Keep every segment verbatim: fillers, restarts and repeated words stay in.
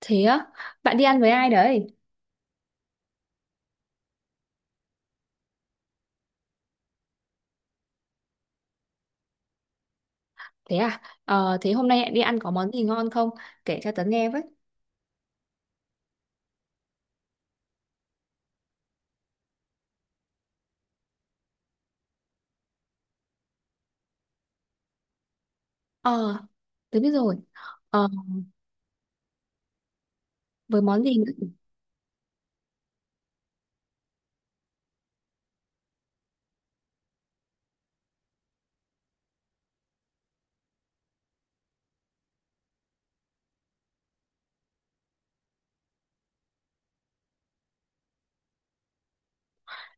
Thế á, bạn đi ăn với ai đấy? Thế à, ờ, thế hôm nay đi ăn có món gì ngon không? Kể cho tớ nghe với. Ờ, tớ biết rồi. Ờ, với món gì nữa?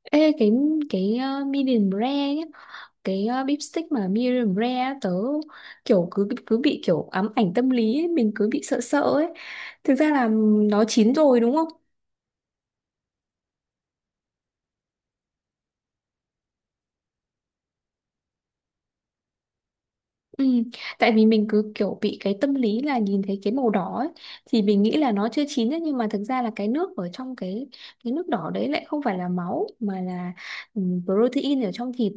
Ê, cái cái uh, medium rare nhá, cái uh, beef stick mà medium rare á, tớ kiểu cứ cứ bị kiểu ám ảnh tâm lý ấy, mình cứ bị sợ sợ ấy. Thực ra là nó chín rồi đúng không? Ừ, tại vì mình cứ kiểu bị cái tâm lý là nhìn thấy cái màu đỏ ấy, thì mình nghĩ là nó chưa chín ấy, nhưng mà thực ra là cái nước ở trong cái cái nước đỏ đấy lại không phải là máu mà là ừ, protein ở trong thịt.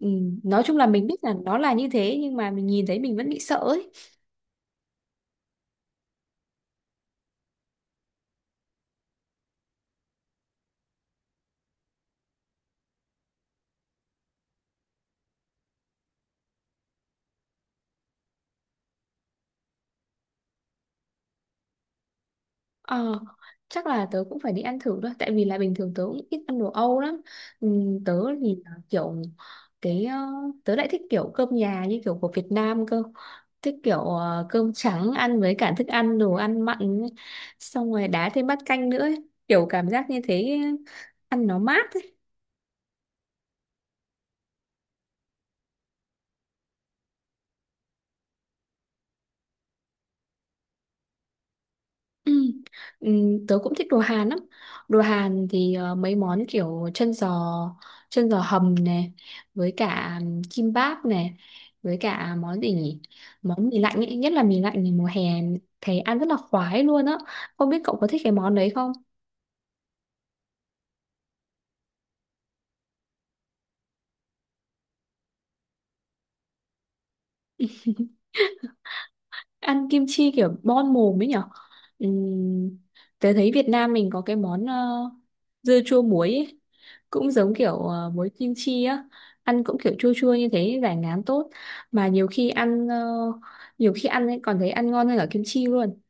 Ừ, nói chung là mình biết là nó là như thế nhưng mà mình nhìn thấy mình vẫn bị sợ ấy. Ờ, chắc là tớ cũng phải đi ăn thử thôi tại vì là bình thường tớ cũng ít ăn đồ Âu lắm. Ừm, tớ thì là kiểu cái ờ, tớ lại thích kiểu cơm nhà như kiểu của Việt Nam cơ, thích kiểu ờ, cơm trắng ăn với cả thức ăn đồ ăn mặn ấy. Xong rồi đá thêm bát canh nữa ấy, kiểu cảm giác như thế ăn nó mát. Ừ. Ừ, tớ cũng thích đồ Hàn lắm, đồ Hàn thì ờ, mấy món kiểu chân giò, chân giò hầm này, với cả kim báp này, với cả món gì nhỉ, món mì lạnh ấy. Nhất là mì lạnh thì mùa hè thấy ăn rất là khoái luôn á, không biết cậu có thích cái món đấy không. Ăn kim chi kiểu bon mồm ấy nhỉ. Ừm, tớ thấy Việt Nam mình có cái món ờ, dưa chua muối ấy. Cũng giống kiểu ờ, muối kim chi á, ăn cũng kiểu chua chua như thế giải ngán tốt, mà nhiều khi ăn ờ, nhiều khi ăn ấy còn thấy ăn ngon hơn cả kim chi luôn.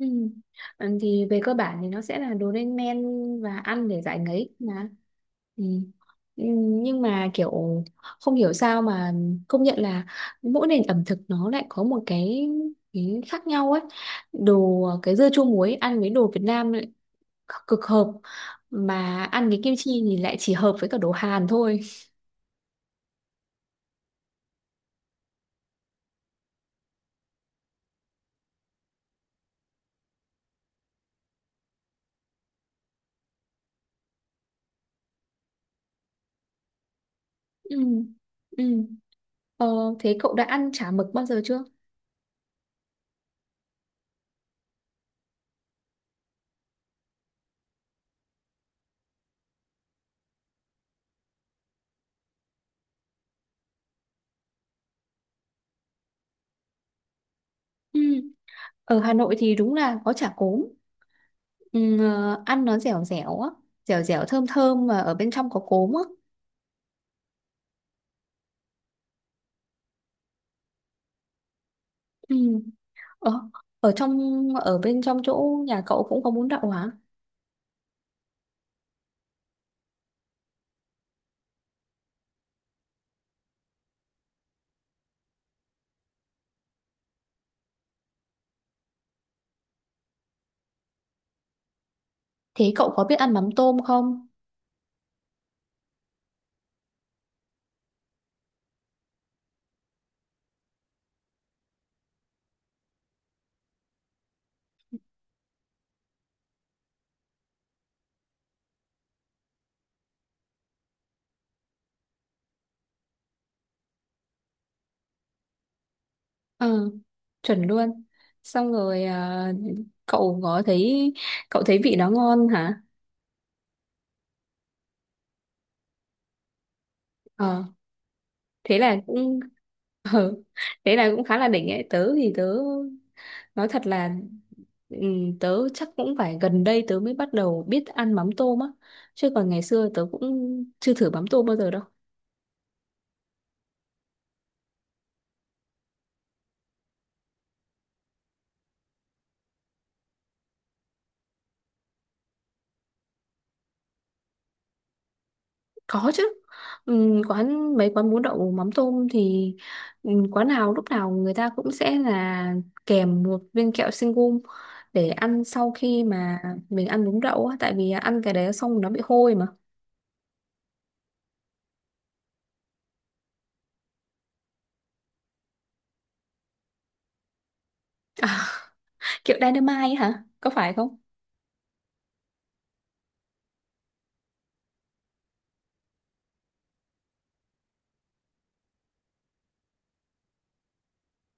Ừ. Ừ, thì về cơ bản thì nó sẽ là đồ lên men và ăn để giải ngấy mà. Ừ. Ừ, nhưng mà kiểu không hiểu sao mà công nhận là mỗi nền ẩm thực nó lại có một cái, cái khác nhau ấy, đồ cái dưa chua muối ăn với đồ Việt Nam lại cực hợp, mà ăn cái kim chi thì lại chỉ hợp với cả đồ Hàn thôi. Ừ. Ừ. Ờ, thế cậu đã ăn chả mực bao giờ chưa? Ừ. Ở Hà Nội thì đúng là có chả cốm. Ừ, ờ, ăn nó dẻo dẻo á, dẻo dẻo thơm thơm mà ở bên trong có cốm á. Ừ. Ở, ở trong ở bên trong chỗ nhà cậu cũng có bún đậu hả? Thế cậu có biết ăn mắm tôm không? Ừ, chuẩn luôn. Xong rồi à, cậu có thấy, cậu thấy vị nó ngon hả? Ờ, thế là cũng. ờ, thế là cũng khá là đỉnh ấy, tớ thì tớ nói thật là, ừ, tớ chắc cũng phải gần đây tớ mới bắt đầu biết ăn mắm tôm á, chứ còn ngày xưa tớ cũng chưa thử mắm tôm bao giờ đâu. Có chứ. Ừ, quán mấy quán bún đậu mắm tôm thì, ừ, quán nào lúc nào người ta cũng sẽ là kèm một viên kẹo sinh gum để ăn sau khi mà mình ăn bún đậu á, tại vì ăn cái đấy xong nó bị hôi mà. kiểu dynamite ấy hả, có phải không?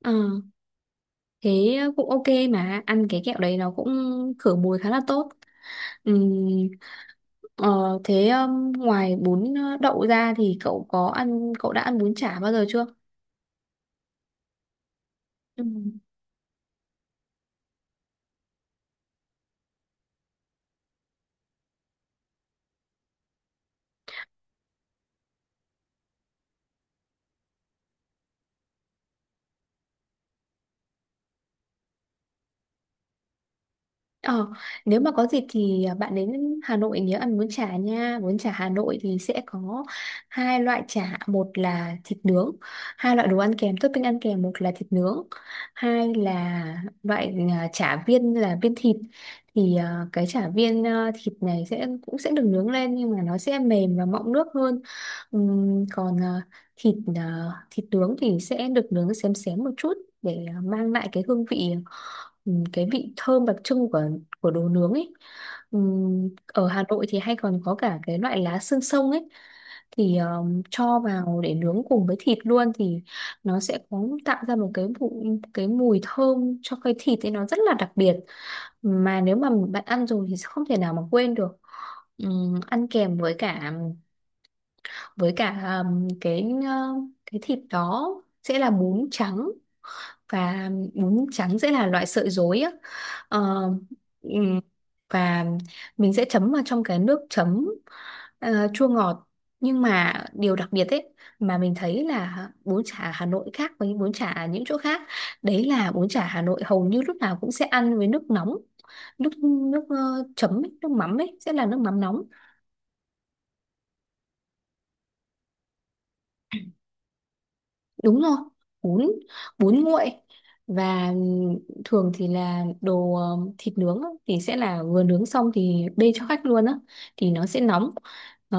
Ờ, thế cũng ok, mà ăn cái kẹo đấy nó cũng khử mùi khá là tốt. Ừm, ờ, thế um, ngoài bún ờ, đậu ra thì cậu có ăn cậu đã ăn bún chả bao giờ chưa? Ờ, nếu mà có dịp thì à, bạn đến Hà Nội nhớ ăn bún chả nha. Bún chả Hà Nội thì sẽ có hai loại chả, một là thịt nướng, hai loại đồ ăn kèm, topping ăn kèm, một là thịt nướng, hai là loại à, chả viên là viên thịt. Thì à, cái chả viên à, thịt này sẽ cũng sẽ được nướng lên nhưng mà nó sẽ mềm và mọng nước hơn. Ừm, còn à, thịt à, thịt nướng thì sẽ được nướng xém xém một chút để à, mang lại cái hương vị, ừm, cái vị thơm đặc trưng của của đồ nướng ấy. Ừm, ở Hà Nội thì hay còn có cả cái loại lá xương sông ấy, thì um, cho vào để nướng cùng với thịt luôn, thì nó sẽ có tạo ra một cái mùi, cái mùi thơm cho cái thịt ấy nó rất là đặc biệt, mà nếu mà bạn ăn rồi thì sẽ không thể nào mà quên được. Ừm, ăn kèm với cả, với cả um, cái uh, cái thịt đó sẽ là bún trắng, và bún trắng sẽ là loại sợi rối á. Ờ, ừm, và mình sẽ chấm vào trong cái nước chấm ờ, chua ngọt. Nhưng mà điều đặc biệt ấy, mà mình thấy là bún chả Hà Nội khác với bún chả ở những chỗ khác, đấy là bún chả Hà Nội hầu như lúc nào cũng sẽ ăn với nước nóng, nước nước ờ, chấm ấy, nước mắm ấy sẽ là nước mắm nóng. Đúng rồi, bún bún nguội, và thường thì là đồ ờ, thịt nướng á, thì sẽ là vừa nướng xong thì bê cho khách luôn á, thì nó sẽ nóng. Ờ,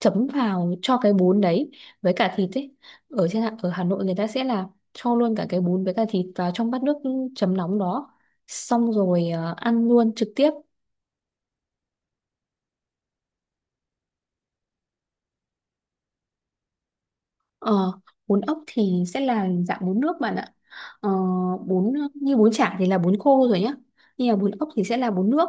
chấm vào cho cái bún đấy với cả thịt ấy, ở trên Hà- ở Hà Nội người ta sẽ là cho luôn cả cái bún với cả thịt vào trong bát nước chấm nóng đó, xong rồi ờ, ăn luôn trực tiếp. Ờ, bún ốc thì sẽ là dạng bún nước bạn ạ. Ờ, bún như bún chả thì là bún khô rồi nhá. Nhưng mà bún ốc thì sẽ là bún nước.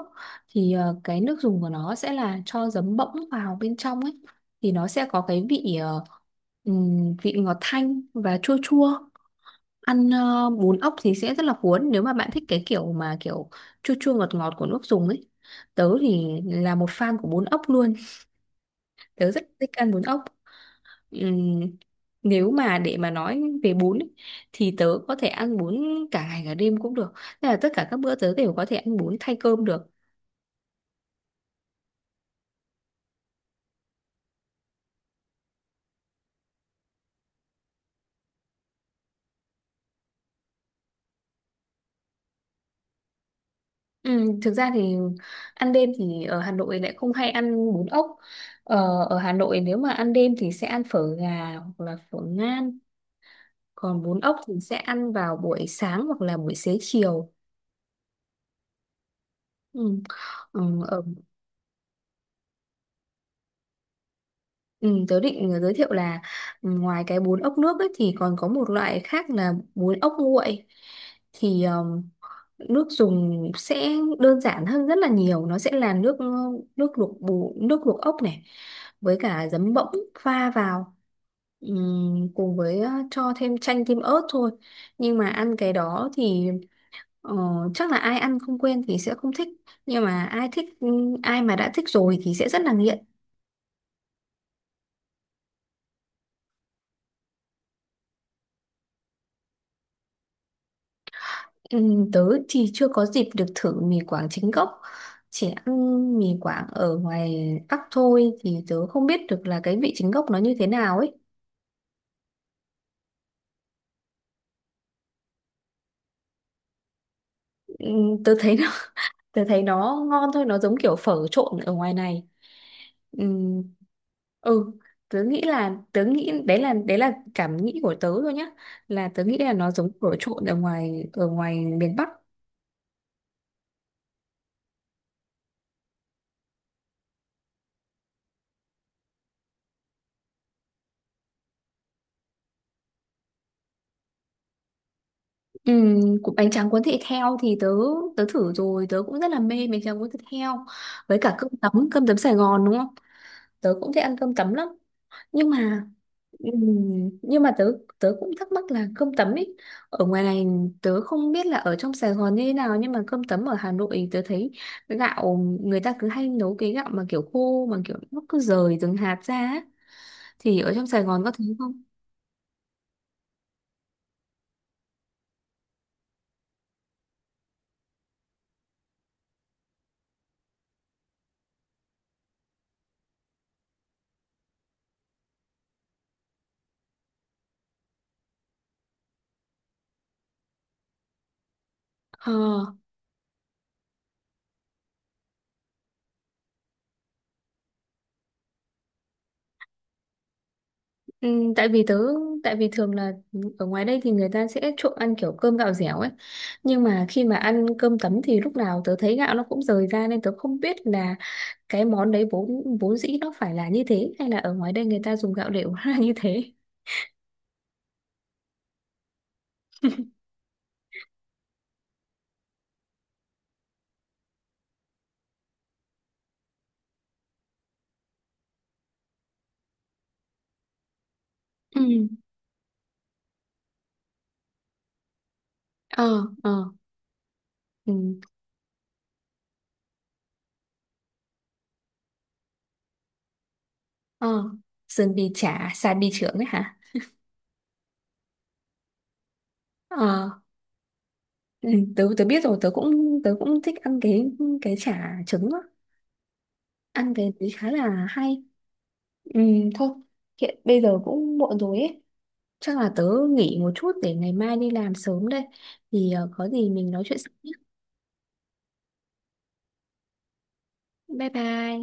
Thì ờ, cái nước dùng của nó sẽ là cho giấm bỗng vào bên trong ấy. Thì nó sẽ có cái vị ờ, ừm, vị ngọt thanh và chua chua. Ăn ờ, bún ốc thì sẽ rất là cuốn nếu mà bạn thích cái kiểu mà kiểu chua chua ngọt ngọt của nước dùng ấy. Tớ thì là một fan của bún ốc luôn. Tớ rất thích ăn bún ốc. Ừm, nếu mà để mà nói về bún ấy, thì tớ có thể ăn bún cả ngày cả đêm cũng được. Tức là tất cả các bữa tớ đều có thể ăn bún thay cơm được. Ừm, thực ra thì ăn đêm thì ở Hà Nội lại không hay ăn bún ốc, ờ, ở Hà Nội nếu mà ăn đêm thì sẽ ăn phở gà hoặc là phở ngan, còn bún ốc thì sẽ ăn vào buổi sáng hoặc là buổi xế chiều. Ừm, ừm, ở Ừ, tớ định giới thiệu là, ừ, ngoài cái bún ốc nước ấy, thì còn có một loại khác là bún ốc nguội, thì um, nước dùng sẽ đơn giản hơn rất là nhiều, nó sẽ là nước nước luộc bù nước luộc ốc này với cả giấm bỗng pha vào. Ừm, cùng với ờ, cho thêm chanh tim ớt thôi, nhưng mà ăn cái đó thì, ờ, chắc là ai ăn không quen thì sẽ không thích, nhưng mà ai thích, ai mà đã thích rồi thì sẽ rất là nghiện. Ừ, tớ thì chưa có dịp được thử mì Quảng chính gốc, chỉ ăn mì Quảng ở ngoài Bắc thôi thì tớ không biết được là cái vị chính gốc nó như thế nào ấy. Ừ, tớ thấy nó, tớ thấy nó ngon thôi, nó giống kiểu phở trộn ở ngoài này. Ừ, ừ, tớ nghĩ là tớ nghĩ đấy là đấy là cảm nghĩ của tớ thôi nhá, là tớ nghĩ là nó giống phở trộn ở ngoài, ở ngoài miền Bắc. Ừ, cũng bánh tráng cuốn thịt heo thì tớ tớ thử rồi, tớ cũng rất là mê bánh tráng cuốn thịt heo, với cả cơm tấm cơm tấm Sài Gòn đúng không, tớ cũng thích ăn cơm tấm lắm. Nhưng mà, ừ, nhưng mà tớ tớ cũng thắc mắc là cơm tấm ấy ở ngoài này, tớ không biết là ở trong Sài Gòn như thế nào nhưng mà cơm tấm ở Hà Nội tớ thấy gạo, người ta cứ hay nấu cái gạo mà kiểu khô mà kiểu nó cứ rời từng hạt ra á, thì ở trong Sài Gòn có thấy không? Ờ. Ừ, tại vì tớ tại vì thường là ở ngoài đây thì người ta sẽ trộn ăn kiểu cơm gạo dẻo ấy, nhưng mà khi mà ăn cơm tấm thì lúc nào tớ thấy gạo nó cũng rời ra nên tớ không biết là cái món đấy vốn vốn dĩ nó phải là như thế hay là ở ngoài đây người ta dùng gạo đều là như thế. Ừ. Ờ. Ờ. Ừ. Ờ, sườn bì chả, xà bì chưởng ấy hả? Ờ. Ừ, tớ tớ biết rồi, tớ cũng tớ cũng thích ăn cái cái chả trứng á, ăn cái đấy khá là hay. Ừ, thôi hiện bây giờ cũng muộn rồi ấy, chắc là tớ nghỉ một chút để ngày mai đi làm sớm đây. Thì ờ, có gì mình nói chuyện sau nhé. Bye bye.